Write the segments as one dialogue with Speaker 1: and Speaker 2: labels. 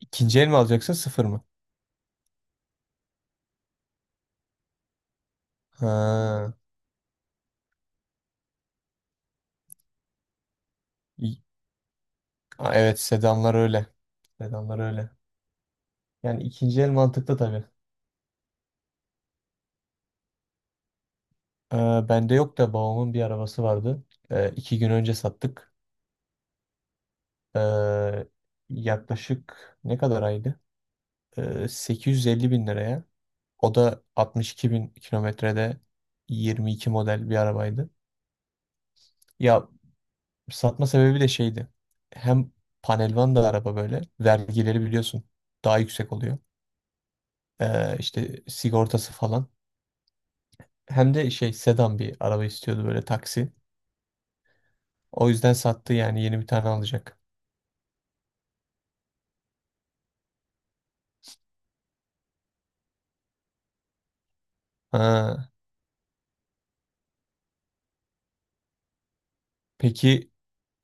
Speaker 1: İkinci el mi alacaksın sıfır mı? Ha. İ- Aa, evet sedanlar öyle. Sedanlar öyle. Yani ikinci el mantıklı tabii. Ee, Bende yok da babamın bir arabası vardı. İki gün önce sattık. Ee, Yaklaşık ne kadar aydı? 850 bin liraya. O da 62 bin kilometrede 22 model bir arabaydı. Ya satma sebebi de şeydi. Hem panelvan da araba böyle. Vergileri biliyorsun daha yüksek oluyor. İşte sigortası falan. Hem de şey sedan bir araba istiyordu böyle taksi. O yüzden sattı yani yeni bir tane alacak. Ha. Peki,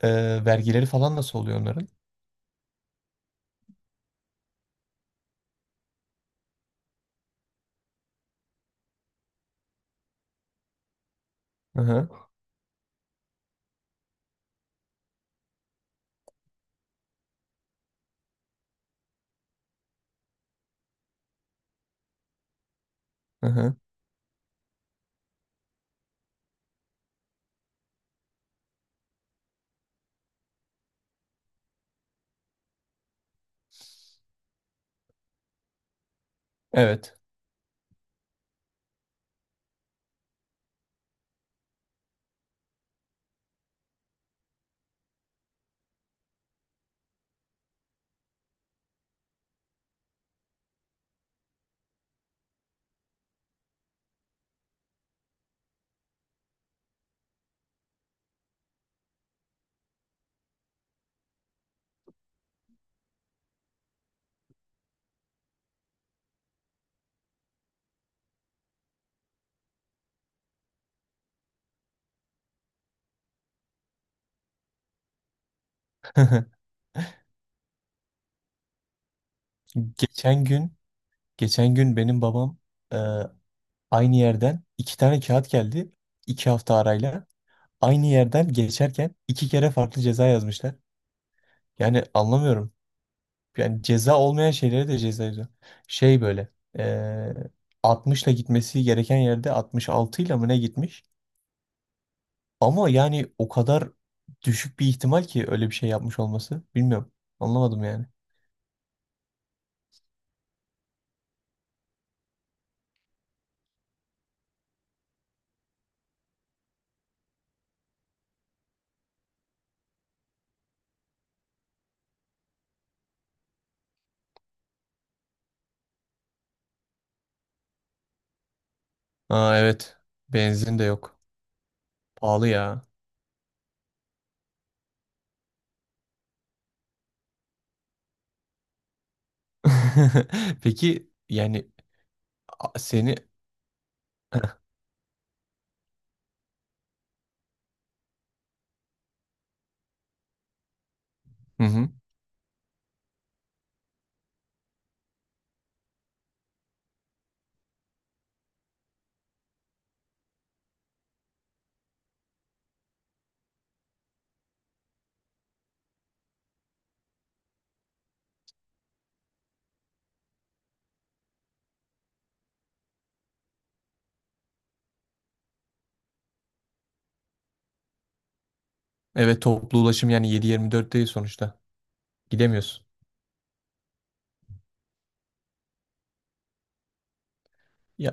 Speaker 1: vergileri falan nasıl oluyor onların? Hı hı. Hı hı. Evet. Geçen gün geçen gün benim babam, e, aynı yerden iki tane kağıt geldi, iki hafta arayla. Aynı yerden geçerken iki kere farklı ceza yazmışlar. Yani anlamıyorum. Yani ceza olmayan şeylere de ceza yazıyor. Şey böyle eee 60'la gitmesi gereken yerde 66 ile mı ne gitmiş? Ama yani o kadar düşük bir ihtimal ki öyle bir şey yapmış olması. Bilmiyorum. Anlamadım yani. Aa, evet. Benzin de yok. Pahalı ya. Peki yani, a- seni Hı hı. Evet, toplu ulaşım yani 7-24 değil sonuçta. Gidemiyorsun. Ya.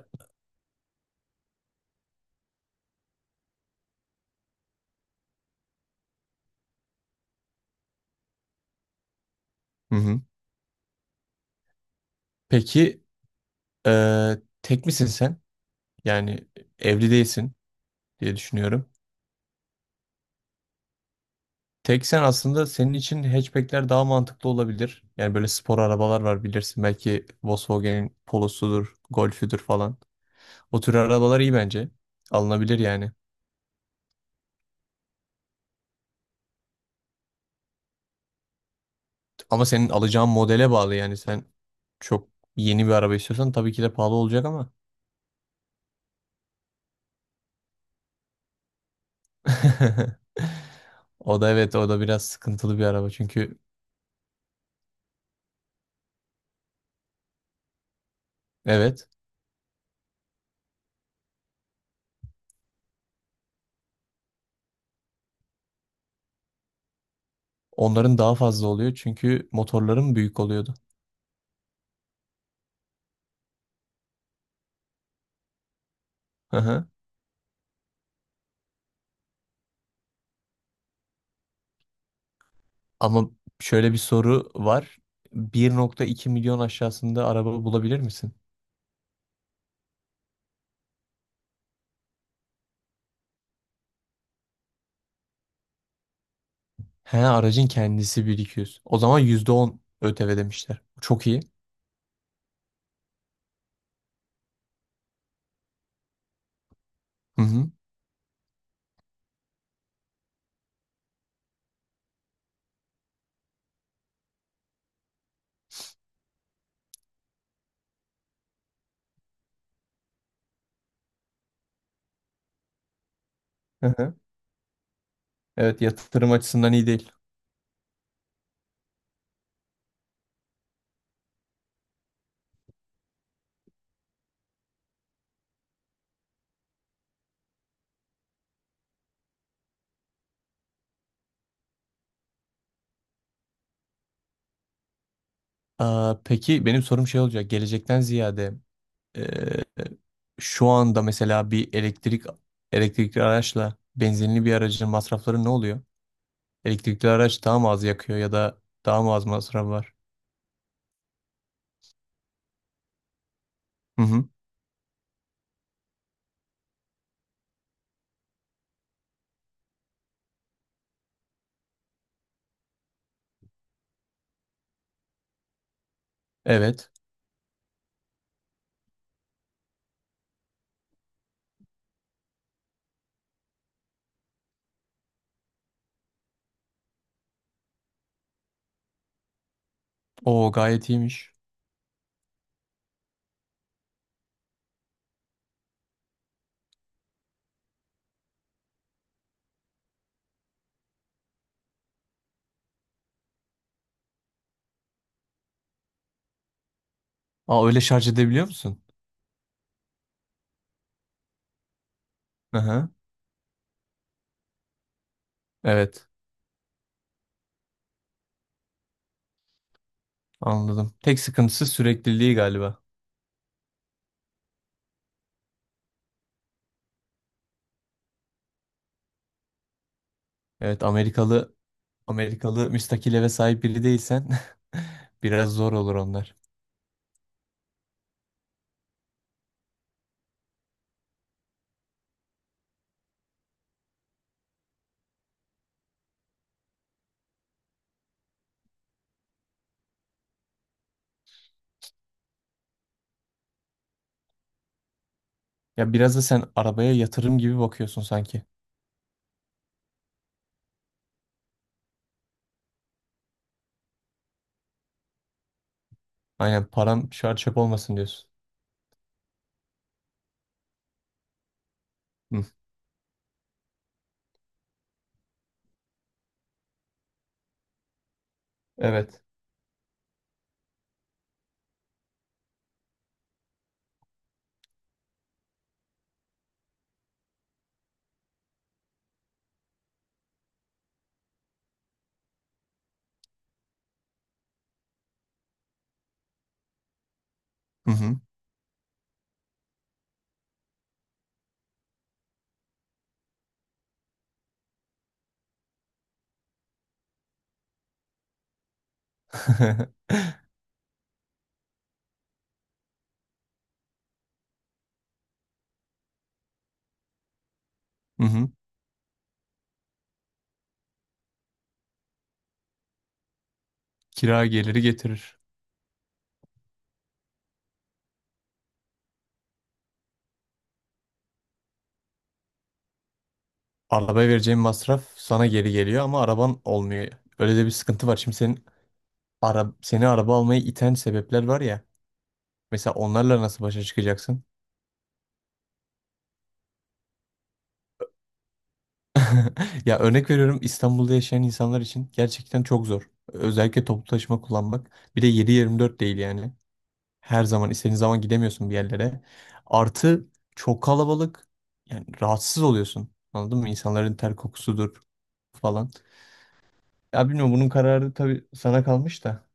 Speaker 1: Hı hı. Peki, Ee, tek misin sen? Yani evli değilsin diye düşünüyorum. Tek sen, aslında senin için hatchbackler daha mantıklı olabilir. Yani böyle spor arabalar var, bilirsin. Belki Volkswagen'in Polo'sudur, Golf'üdür falan. O tür arabalar iyi bence. Alınabilir yani. Ama senin alacağın modele bağlı yani. Sen çok yeni bir araba istiyorsan tabii ki de pahalı olacak ama. O da evet, o da biraz sıkıntılı bir araba çünkü evet, onların daha fazla oluyor çünkü motorların büyük oluyordu. Ama şöyle bir soru var. Bir nokta iki milyon aşağısında araba bulabilir misin? He aracın kendisi 1.200. O zaman %10 ÖTV demişler. Çok iyi. Hı hı. Hı hı. Evet, yatırım açısından iyi değil. Aa, peki benim sorum şey olacak. Gelecekten ziyade, e, şu anda mesela bir elektrikli araçla benzinli bir aracın masrafları ne oluyor? Elektrikli araç daha mı az yakıyor ya da daha mı az masraf var? Hı hı. Evet. O gayet iyiymiş. Aa, öyle şarj edebiliyor musun? Hı hı. Evet, anladım. Tek sıkıntısı sürekliliği galiba. Evet, Amerikalı müstakil eve sahip biri değilsen biraz zor olur onlar. Ya, biraz da sen arabaya yatırım gibi bakıyorsun sanki. Aynen, param şu an çöp olmasın diyorsun. Hı. Evet. Hı hı. Hı hı. Kira geliri getirir. Arabaya vereceğin masraf sana geri geliyor ama araban olmuyor. Öyle de bir sıkıntı var. Şimdi senin, seni araba almaya iten sebepler var ya. Mesela onlarla nasıl başa çıkacaksın? Ya örnek veriyorum, İstanbul'da yaşayan insanlar için gerçekten çok zor. Özellikle toplu taşıma kullanmak. Bir de 7-24 değil yani. Her zaman istediğin zaman gidemiyorsun bir yerlere. Artı çok kalabalık. Yani rahatsız oluyorsun. Anladın mı? İnsanların ter kokusudur falan. Ya bilmiyorum, bunun kararı tabii sana kalmış da.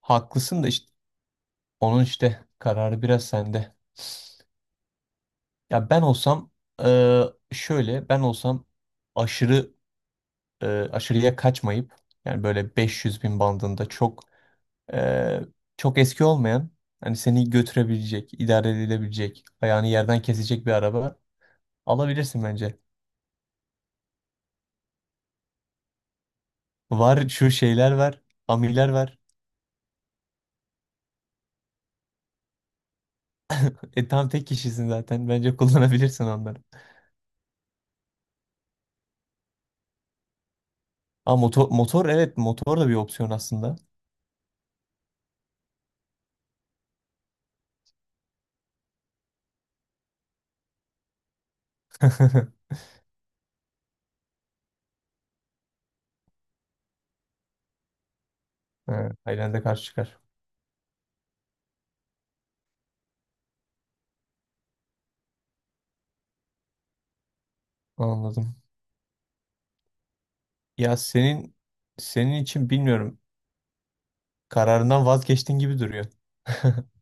Speaker 1: Haklısın da işte, onun işte kararı biraz sende. Ya ben olsam şöyle ben olsam, aşırı, e, aşırıya kaçmayıp, yani böyle 500 bin bandında, e, çok eski olmayan, hani seni götürebilecek, idare edilebilecek, ayağını yerden kesecek bir araba alabilirsin bence. Var şu şeyler var, amiler var. E tam tek kişisin zaten. Bence kullanabilirsin onları. Ama motor, evet, motor da bir opsiyon aslında. Ha, aynen de karşı çıkar. Anladım. Ya, senin için bilmiyorum. Kararından vazgeçtin gibi duruyor.